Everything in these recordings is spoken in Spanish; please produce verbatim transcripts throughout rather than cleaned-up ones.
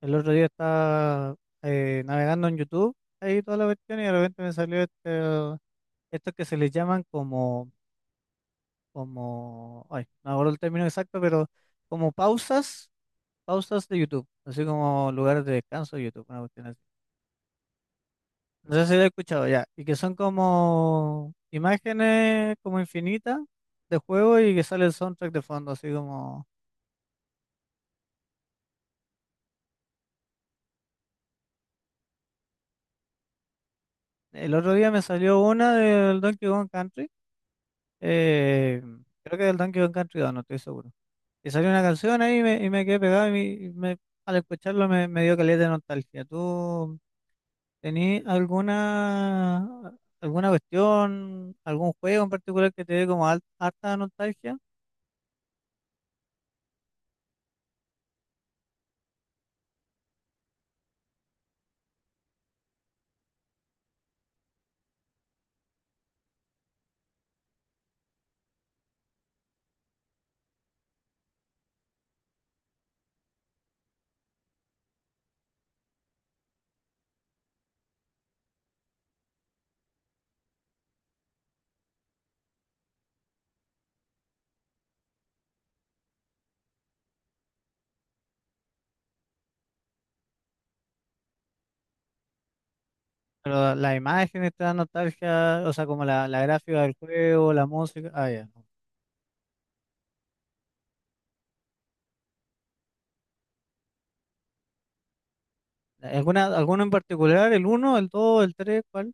El otro día estaba eh, navegando en YouTube, ahí toda la cuestión, y de repente me salió este, estos que se les llaman como, como, ay, no acuerdo el término exacto, pero como pausas, pausas de YouTube, así como lugares de descanso de YouTube, una cuestión así. No sé si lo he escuchado ya, y que son como imágenes como infinitas de juego y que sale el soundtrack de fondo, así como... El otro día me salió una del Donkey Kong Country, eh, creo que del Donkey Kong Country dos, no estoy seguro. Y salió una canción ahí y me, y me quedé pegado y, me, y me- al escucharlo me, me dio caleta de nostalgia. ¿Tú tenías alguna, alguna cuestión, algún juego en particular que te dé como al- harta nostalgia? Pero las imágenes te dan nostalgia, o sea, como la, la gráfica del juego, la música. Ah, ya. ¿Alguna, alguno en particular? ¿El uno, el dos, el tres? ¿Cuál?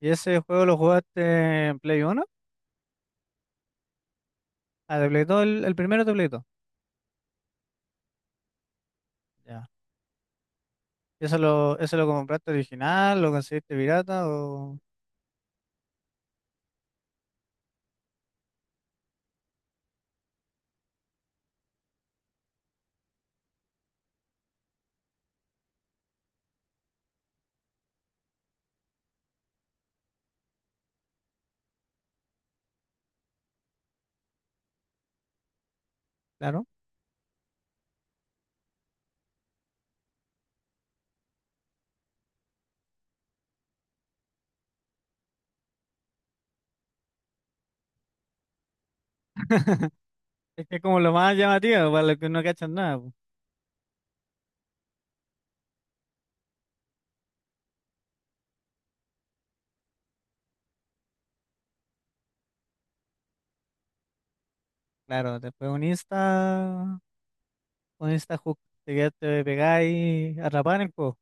¿Y ese juego lo jugaste en Play uno? Ah, de Play dos, el, el primero de Play dos. Ya. ¿Y eso lo, eso lo compraste original? ¿Lo conseguiste pirata? O... Claro. Es que como lo más llamativo, para lo que uno cacha nada, po. Claro, después un Insta, un Insta hook, te quedas- te pegáis a rapar en el juego.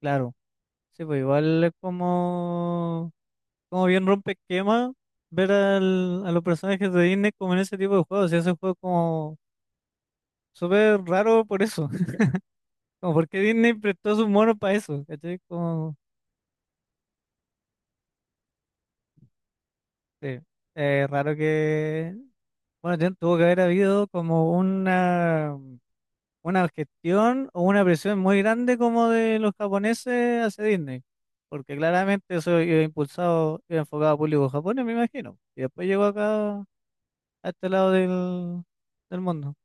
Claro. Sí, pues igual es como, como bien rompe esquema ver al- a los personajes de Disney como en ese tipo de juegos. Y ese juego es como súper raro por eso. Como porque Disney prestó sus monos para eso. ¿Cachai? Como, sí. Eh, raro que. Bueno, tien- tuvo que haber habido como una. Una gestión o una presión muy grande como de los japoneses hacia Disney, porque claramente eso iba impulsado, iba enfocado a público japonés, me imagino, y después llegó acá, a este lado del, del mundo,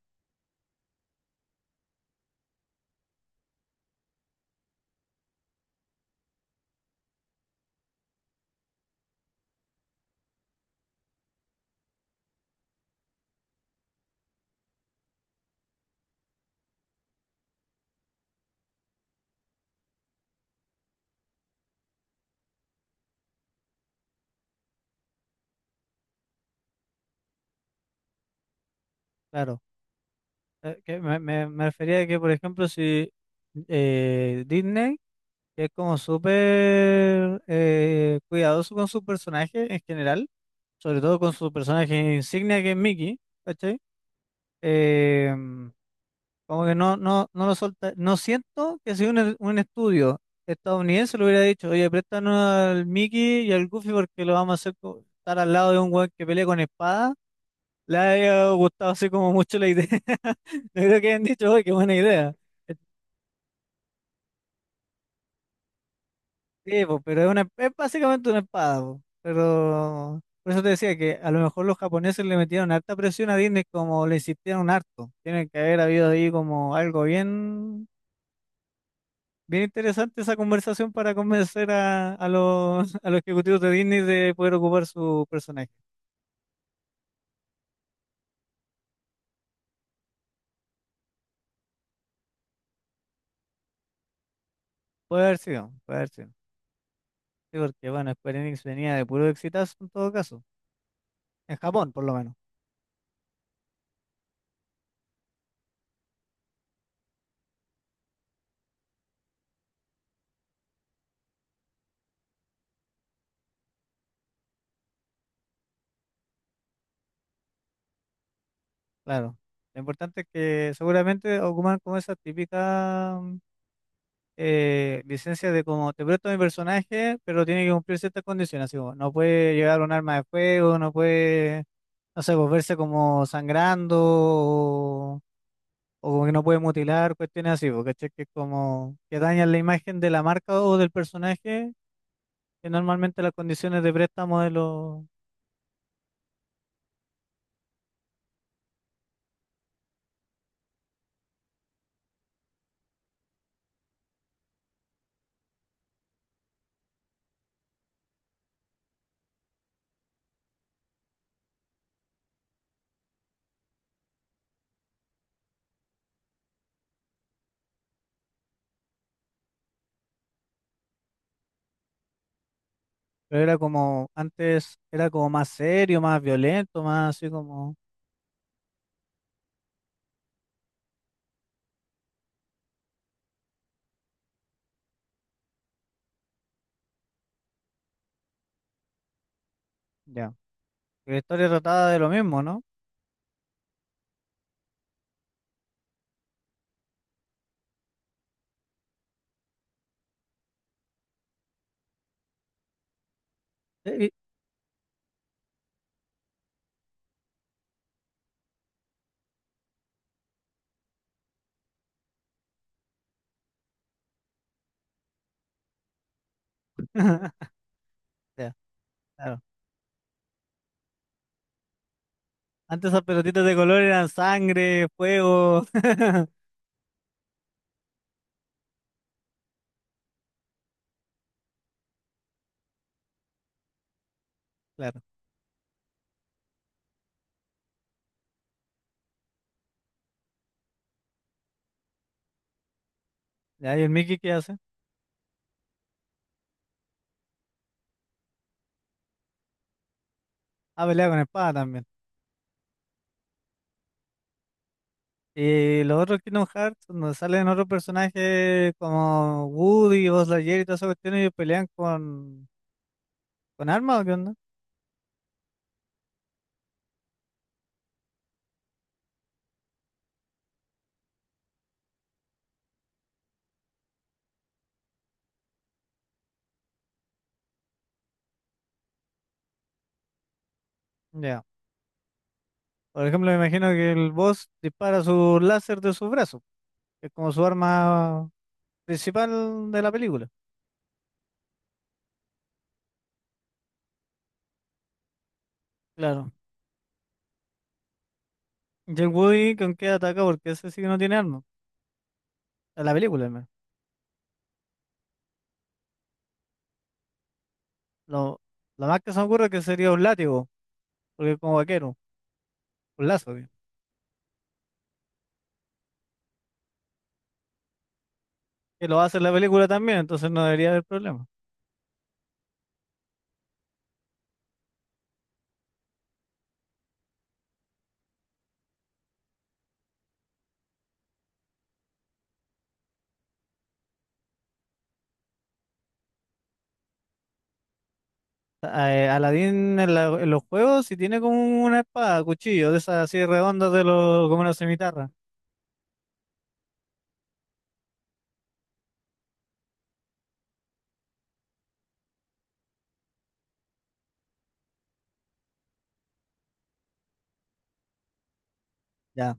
claro. Eh, que me, me, me refería a que, por ejemplo, si eh, Disney, que es como súper eh, cuidadoso con su personaje en general, sobre todo con su personaje insignia que es Mickey, ¿cachai? Eh, Como que no, no, no lo solta. No siento que si un, un estudio estadounidense le hubiera dicho, oye, préstanos al Mickey y al Goofy porque lo vamos a hacer co- estar al lado de un weón que pelea con espada, le haya gustado así como mucho la idea. No creo que hayan dicho, oye, qué buena idea. Eh, Sí, po, pero es, una, es básicamente una espada, po. Pero por eso te decía que a lo mejor los japoneses le metieron harta presión a Disney, como le insistieron harto. Tiene que haber habido ahí como algo bien. Bien interesante esa conversación para convencer a, a los, a los ejecutivos de Disney de poder ocupar su personaje. Puede haber sido, puede haber sido. Sí, porque bueno, Square Enix venía de puro exitazo en todo caso. En Japón, por lo menos, claro. Lo importante es que seguramente ocupan como esa típica mm, eh, licencia de como te presto mi personaje, pero tiene que cumplir ciertas condiciones. Así como, no puede llevar un arma de fuego, no puede, no sé, volverse como sangrando o como que no puede mutilar, cuestiones así, porque que es como que dañan la imagen de la marca o del personaje, que normalmente las condiciones de préstamo de los... Pero era como, antes era como más serio, más violento, más así como, ya. Y la historia trataba de lo mismo, ¿no? Sí. Ya, claro. Antes esas pelotitas de color eran sangre, fuego, claro. Ya, ¿y el Mickey, qué hace? Ah, pelea con espada también. Y los otros Kingdom Hearts, donde salen otros personajes como Woody, Buzz Lightyear y todas esas cuestiones, ¿y pelean con, con armas o qué onda? Ya. Por ejemplo, me imagino que el boss dispara su láser de su brazo, que es como su arma principal de la película. Claro. Y el Woody, ¿con qué ataca? Porque ese sí que no tiene arma. En la película, al menos. Lo, lo más que se me ocurre es que sería un látigo, porque es como vaquero, un lazo, que que lo hace en la película también, entonces no debería haber problema. Eh, Aladdin en, la- en los juegos sí tiene como una espada, cuchillo, de esas así redondas de los, como una cimitarra. Ya,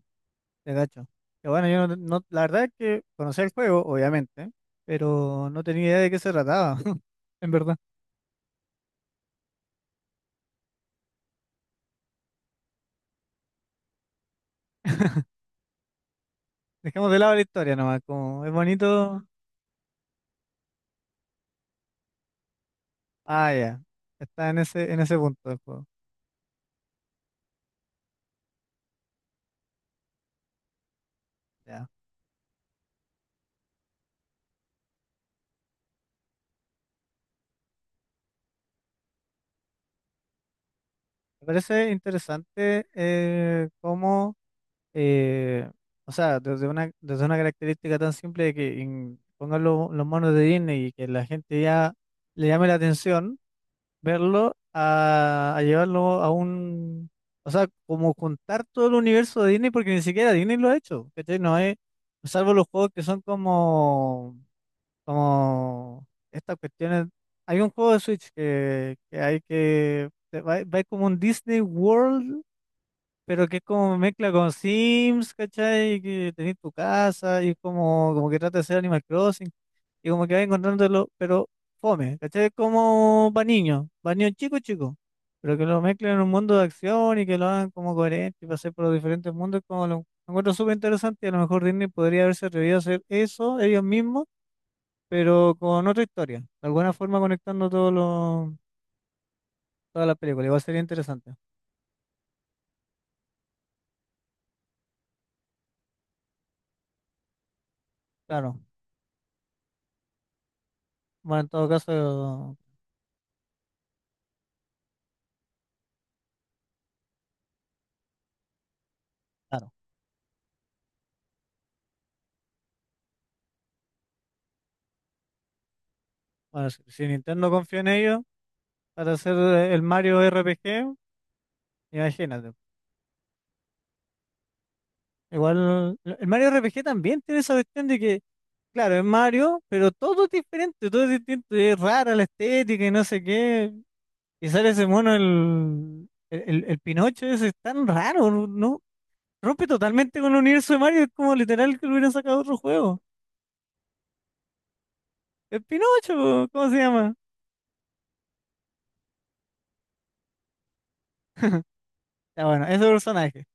te cacho. Que bueno, yo no, no- la verdad es que conocía el juego, obviamente, pero no tenía idea de qué se trataba, en verdad. Dejemos de lado la historia nomás, como es bonito. Ah, ya. Está en ese, en ese punto del juego. Ya. Me parece interesante eh, cómo eh, o sea, desde una, desde una característica tan simple de que en- pongan lo- los monos de Disney y que la gente ya le llame la atención, verlo a, a llevarlo a un, o sea, como juntar todo el universo de Disney, porque ni siquiera Disney lo ha hecho, ¿cachai? No es, salvo los juegos que son como, como estas cuestiones. Hay un juego de Switch que, que hay que, va- va como un Disney World pero que es como mezcla con Sims, ¿cachai? Que tenés tu casa y es como, como que trata de ser Animal Crossing y como que vas encontrándolo, pero fome, ¿cachai? Es como para niños, para niños chicos, chicos, pero que lo mezclen en un mundo de acción y que lo hagan como coherente y pasar por los diferentes mundos, como lo, lo encuentro súper interesante y a lo mejor Disney podría haberse atrevido a hacer eso ellos mismos, pero con otra historia, de alguna forma conectando todos los, todas las películas, igual sería interesante, claro. Bueno, en todo caso, claro. Bueno, si, si Nintendo confía en ellos para hacer eh, el Mario R P G, imagínate. Igual, el Mario R P G también tiene esa cuestión de que, claro, es Mario, pero todo es diferente, todo es distinto, es rara la estética y no sé qué. Y sale ese mono, el, el, el- Pinocho ese, es tan raro, no, no- rompe totalmente con el universo de Mario, es como literal que lo hubieran sacado otro juego. El Pinocho, po, ¿cómo se llama? Ya bueno, ese personaje.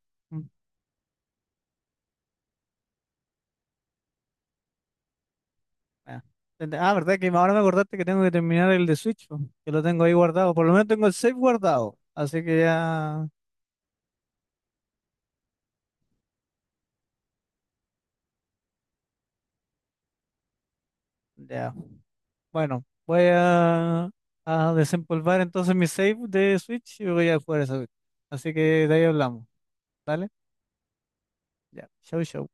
Ah, ent- ah, Verdad que ahora me acordaste que tengo que terminar el de Switch, po, que lo tengo ahí guardado. Por lo menos tengo el save guardado. Así que ya, ya. Bueno, voy a, a desempolvar entonces mi save de Switch y voy a jugar esa vez. Así que de ahí hablamos. ¿Dale? Ya. Chau, chau.